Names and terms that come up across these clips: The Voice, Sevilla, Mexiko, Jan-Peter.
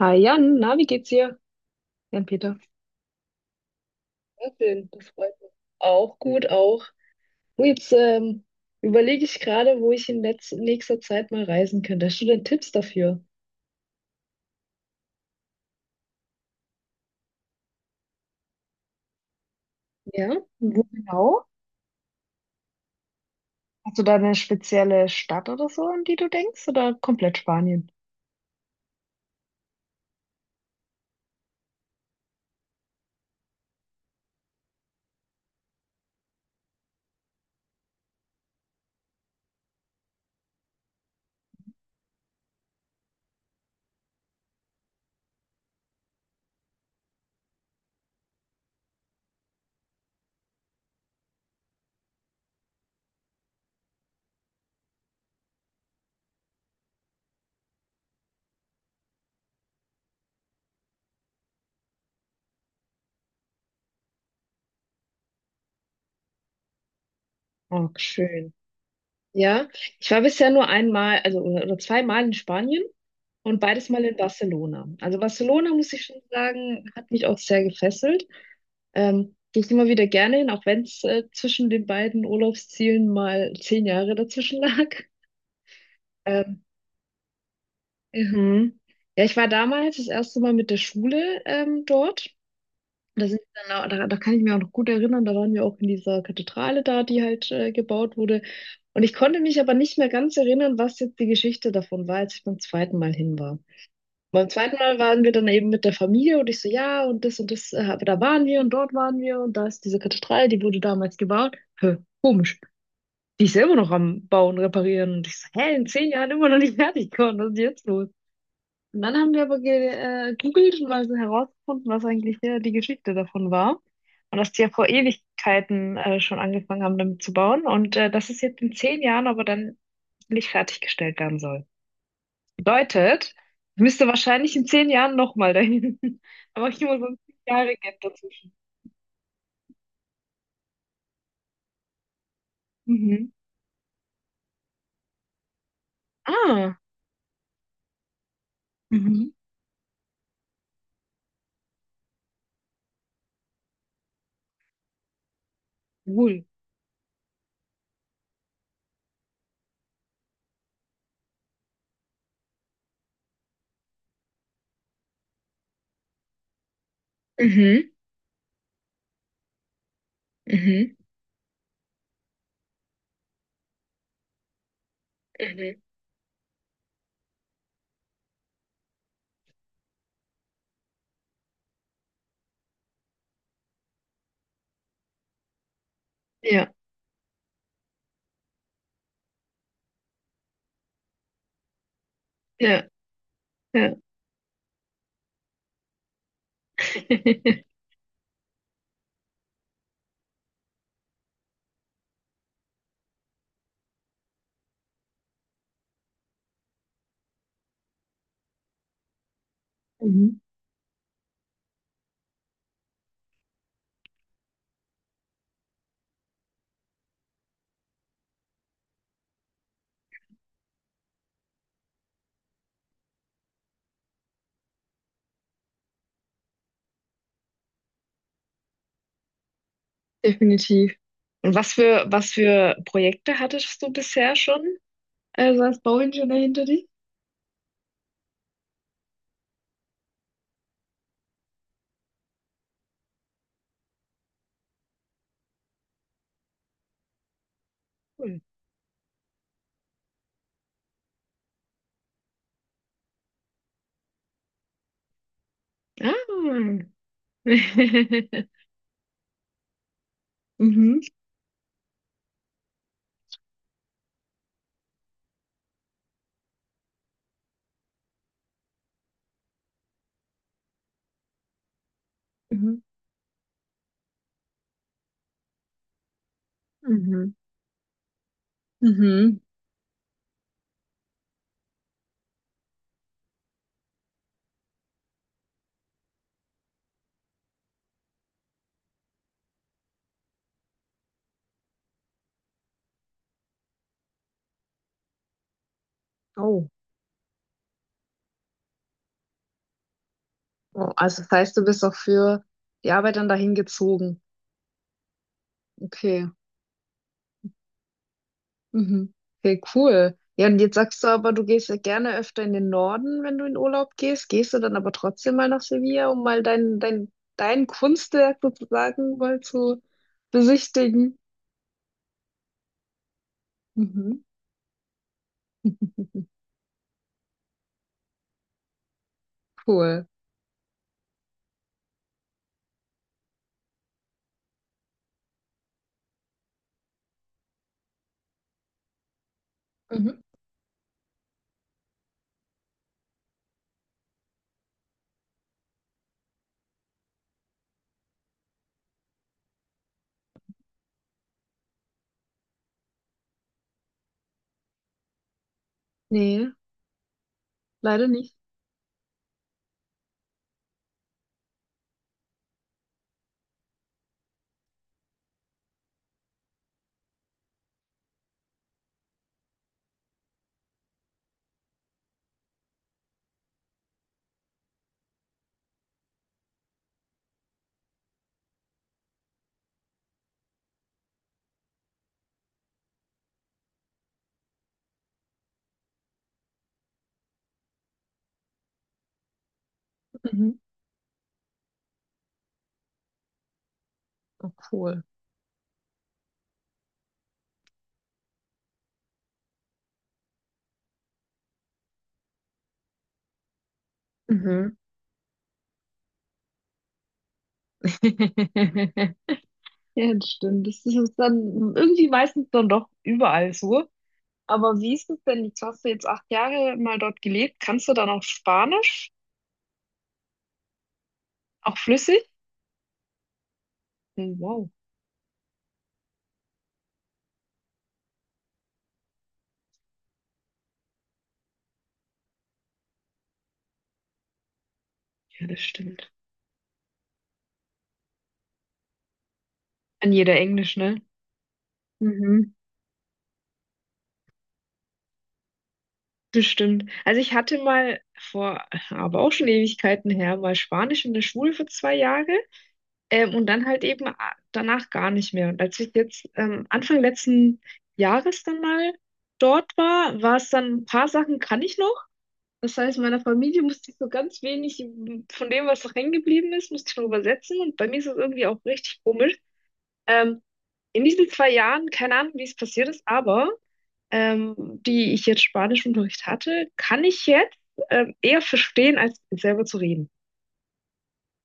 Hi Jan, na, wie geht's dir? Jan-Peter. Ja, schön, das freut mich. Auch gut, auch. Und jetzt überlege ich gerade, wo ich in letz nächster Zeit mal reisen könnte. Hast du denn Tipps dafür? Ja? Und wo genau? Hast du da eine spezielle Stadt oder so, an die du denkst, oder komplett Spanien? Oh, schön. Ja, ich war bisher nur einmal, also oder zweimal in Spanien und beides Mal in Barcelona. Also Barcelona, muss ich schon sagen, hat mich auch sehr gefesselt. Gehe ich immer wieder gerne hin, auch wenn es zwischen den beiden Urlaubszielen mal zehn Jahre dazwischen lag. Ähm, mhm. Ja, ich war damals das erste Mal mit der Schule dort. Da sind wir dann, da kann ich mich auch noch gut erinnern, da waren wir auch in dieser Kathedrale da, die halt gebaut wurde. Und ich konnte mich aber nicht mehr ganz erinnern, was jetzt die Geschichte davon war, als ich beim zweiten Mal hin war. Beim zweiten Mal waren wir dann eben mit der Familie und ich so, ja, und das, aber da waren wir und dort waren wir und da ist diese Kathedrale, die wurde damals gebaut. Hä, komisch. Die ist ja immer noch am Bauen, reparieren. Und ich so, hä, in zehn Jahren immer noch nicht fertig geworden, was ist jetzt los? Und dann haben wir aber gegoogelt und mal so herausgefunden, was eigentlich die Geschichte davon war. Und dass die ja vor Ewigkeiten schon angefangen haben, damit zu bauen und dass es jetzt in zehn Jahren aber dann nicht fertiggestellt werden soll. Bedeutet, ich müsste wahrscheinlich in zehn Jahren nochmal dahin. Aber ich immer so ein zehn Jahre Gap dazwischen. Mhm. Ah, mhm. Cool. Mhm. Mhm. Mhm. Ja, ja, ja. Mhm. Definitiv. Und was für Projekte hattest du bisher schon? Also als Bauingenieur hinter dir? Cool. Ah. Mhm. Mhm. Mhm. Mhm. Oh. Oh, also das heißt, du bist auch für die Arbeit dann dahin gezogen. Okay. Mhm. Okay, cool. Ja, und jetzt sagst du aber, du gehst ja gerne öfter in den Norden, wenn du in Urlaub gehst. Gehst du dann aber trotzdem mal nach Sevilla, um mal dein Kunstwerk sozusagen mal zu besichtigen? Mhm. Cool. Mhm. Nee, leider nicht. Mhm. Oh, cool. Mhm. Ja, das stimmt. Das ist dann irgendwie meistens dann doch überall so. Aber wie ist es denn? Jetzt hast du jetzt acht Jahre mal dort gelebt. Kannst du dann auch Spanisch? Auch flüssig? Oh, wow. Ja, das stimmt. An jeder Englisch, ne? Mhm. Bestimmt. Also ich hatte mal vor, aber auch schon Ewigkeiten her, mal Spanisch in der Schule für zwei Jahre, und dann halt eben danach gar nicht mehr. Und als ich jetzt Anfang letzten Jahres dann mal dort war, war es dann ein paar Sachen kann ich noch. Das heißt, meiner Familie musste ich so ganz wenig von dem, was noch hängen geblieben ist, musste ich noch übersetzen. Und bei mir ist es irgendwie auch richtig komisch. Ähm, in diesen zwei Jahren, keine Ahnung, wie es passiert ist, aber ähm, die ich jetzt Spanischunterricht hatte, kann ich jetzt eher verstehen, als selber zu reden.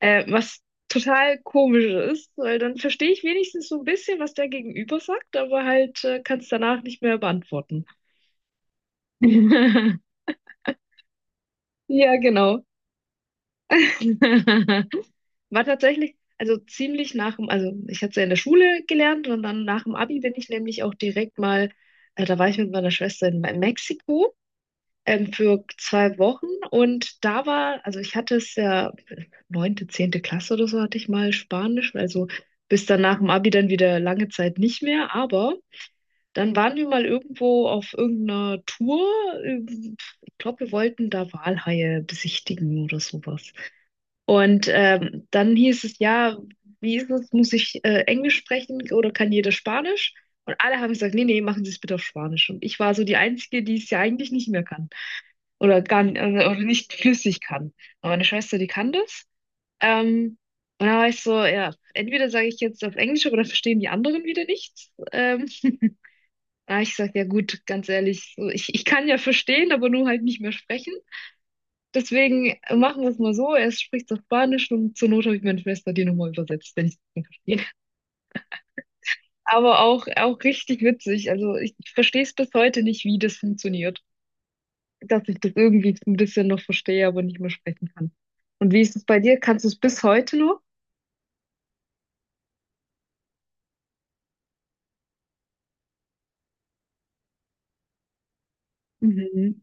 Was total komisch ist, weil dann verstehe ich wenigstens so ein bisschen, was der Gegenüber sagt, aber halt kann es danach nicht mehr beantworten. Ja, genau. War tatsächlich, also ziemlich nach dem, also ich hatte es ja in der Schule gelernt und dann nach dem Abi bin ich nämlich auch direkt mal, da war ich mit meiner Schwester in Mexiko für zwei Wochen und da war, also ich hatte es ja neunte, zehnte Klasse oder so hatte ich mal Spanisch, also bis dann nach dem Abi dann wieder lange Zeit nicht mehr, aber dann waren wir mal irgendwo auf irgendeiner Tour, ähm, ich glaube, wir wollten da Walhaie besichtigen oder sowas. Und dann hieß es, ja, wie ist es, muss ich Englisch sprechen oder kann jeder Spanisch? Und alle haben gesagt, nee, nee, machen Sie es bitte auf Spanisch. Und ich war so die Einzige, die es ja eigentlich nicht mehr kann oder gar n- oder nicht flüssig kann. Aber meine Schwester, die kann das. Ähm, und da war ich so, ja, entweder sage ich jetzt auf Englisch, aber dann verstehen die anderen wieder nichts. Da hab ich gesagt, ja gut, ganz ehrlich, so, ich kann ja verstehen, aber nur halt nicht mehr sprechen. Deswegen machen wir es mal so. Er spricht auf Spanisch und zur Not habe ich meine Schwester die nochmal übersetzt, wenn ich es nicht verstehe. Aber auch richtig witzig. Also ich verstehe es bis heute nicht, wie das funktioniert. Dass ich das irgendwie ein bisschen noch verstehe, aber nicht mehr sprechen kann. Und wie ist es bei dir? Kannst du es bis heute noch? Mhm.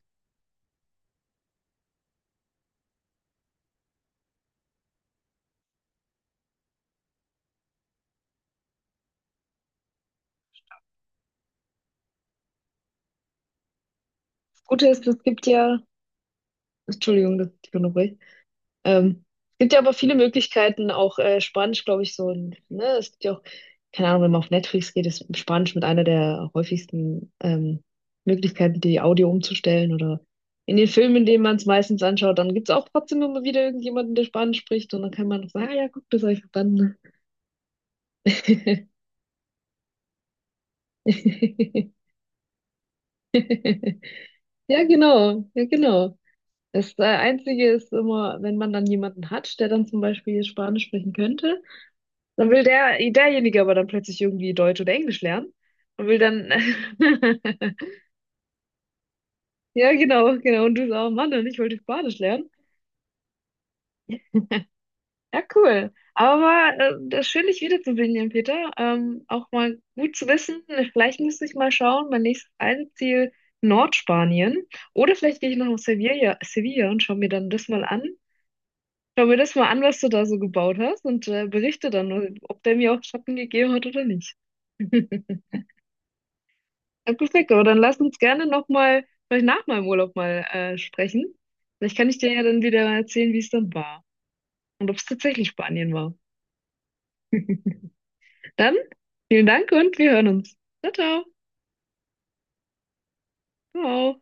Das Gute ist, es gibt ja. Entschuldigung, dass ich dich unterbreche. Ähm, Es gibt ja aber viele Möglichkeiten, auch Spanisch, glaube ich, so ein, ne, es gibt ja auch, keine Ahnung, wenn man auf Netflix geht, ist Spanisch mit einer der häufigsten Möglichkeiten, die Audio umzustellen oder in den Filmen, in denen man es meistens anschaut, dann gibt es auch trotzdem immer wieder irgendjemanden, der Spanisch spricht und dann kann man noch sagen, ah ja, guck, das habe ich verstanden. Ja, genau, ja, genau. Das Einzige ist immer, wenn man dann jemanden hat, der dann zum Beispiel Spanisch sprechen könnte, dann will derjenige aber dann plötzlich irgendwie Deutsch oder Englisch lernen und will dann, ja genau, genau, und du sagst, oh Mann, und ich wollte Spanisch lernen. Ja, cool. Aber war, das ist schön, dich wiederzusehen, Jan Peter. Auch mal gut zu wissen, vielleicht müsste ich mal schauen, mein nächstes Reiseziel Nordspanien. Oder vielleicht gehe ich noch nach Sevilla und schaue mir dann das mal an. Schau mir das mal an, was du da so gebaut hast und berichte dann, ob der mir auch Schatten gegeben hat oder nicht. Ja, perfekt, aber dann lass uns gerne nochmal, vielleicht nach meinem Urlaub mal sprechen. Vielleicht kann ich dir ja dann wieder erzählen, wie es dann war und ob es tatsächlich Spanien war. Dann vielen Dank und wir hören uns. Ciao, ciao. Ciao.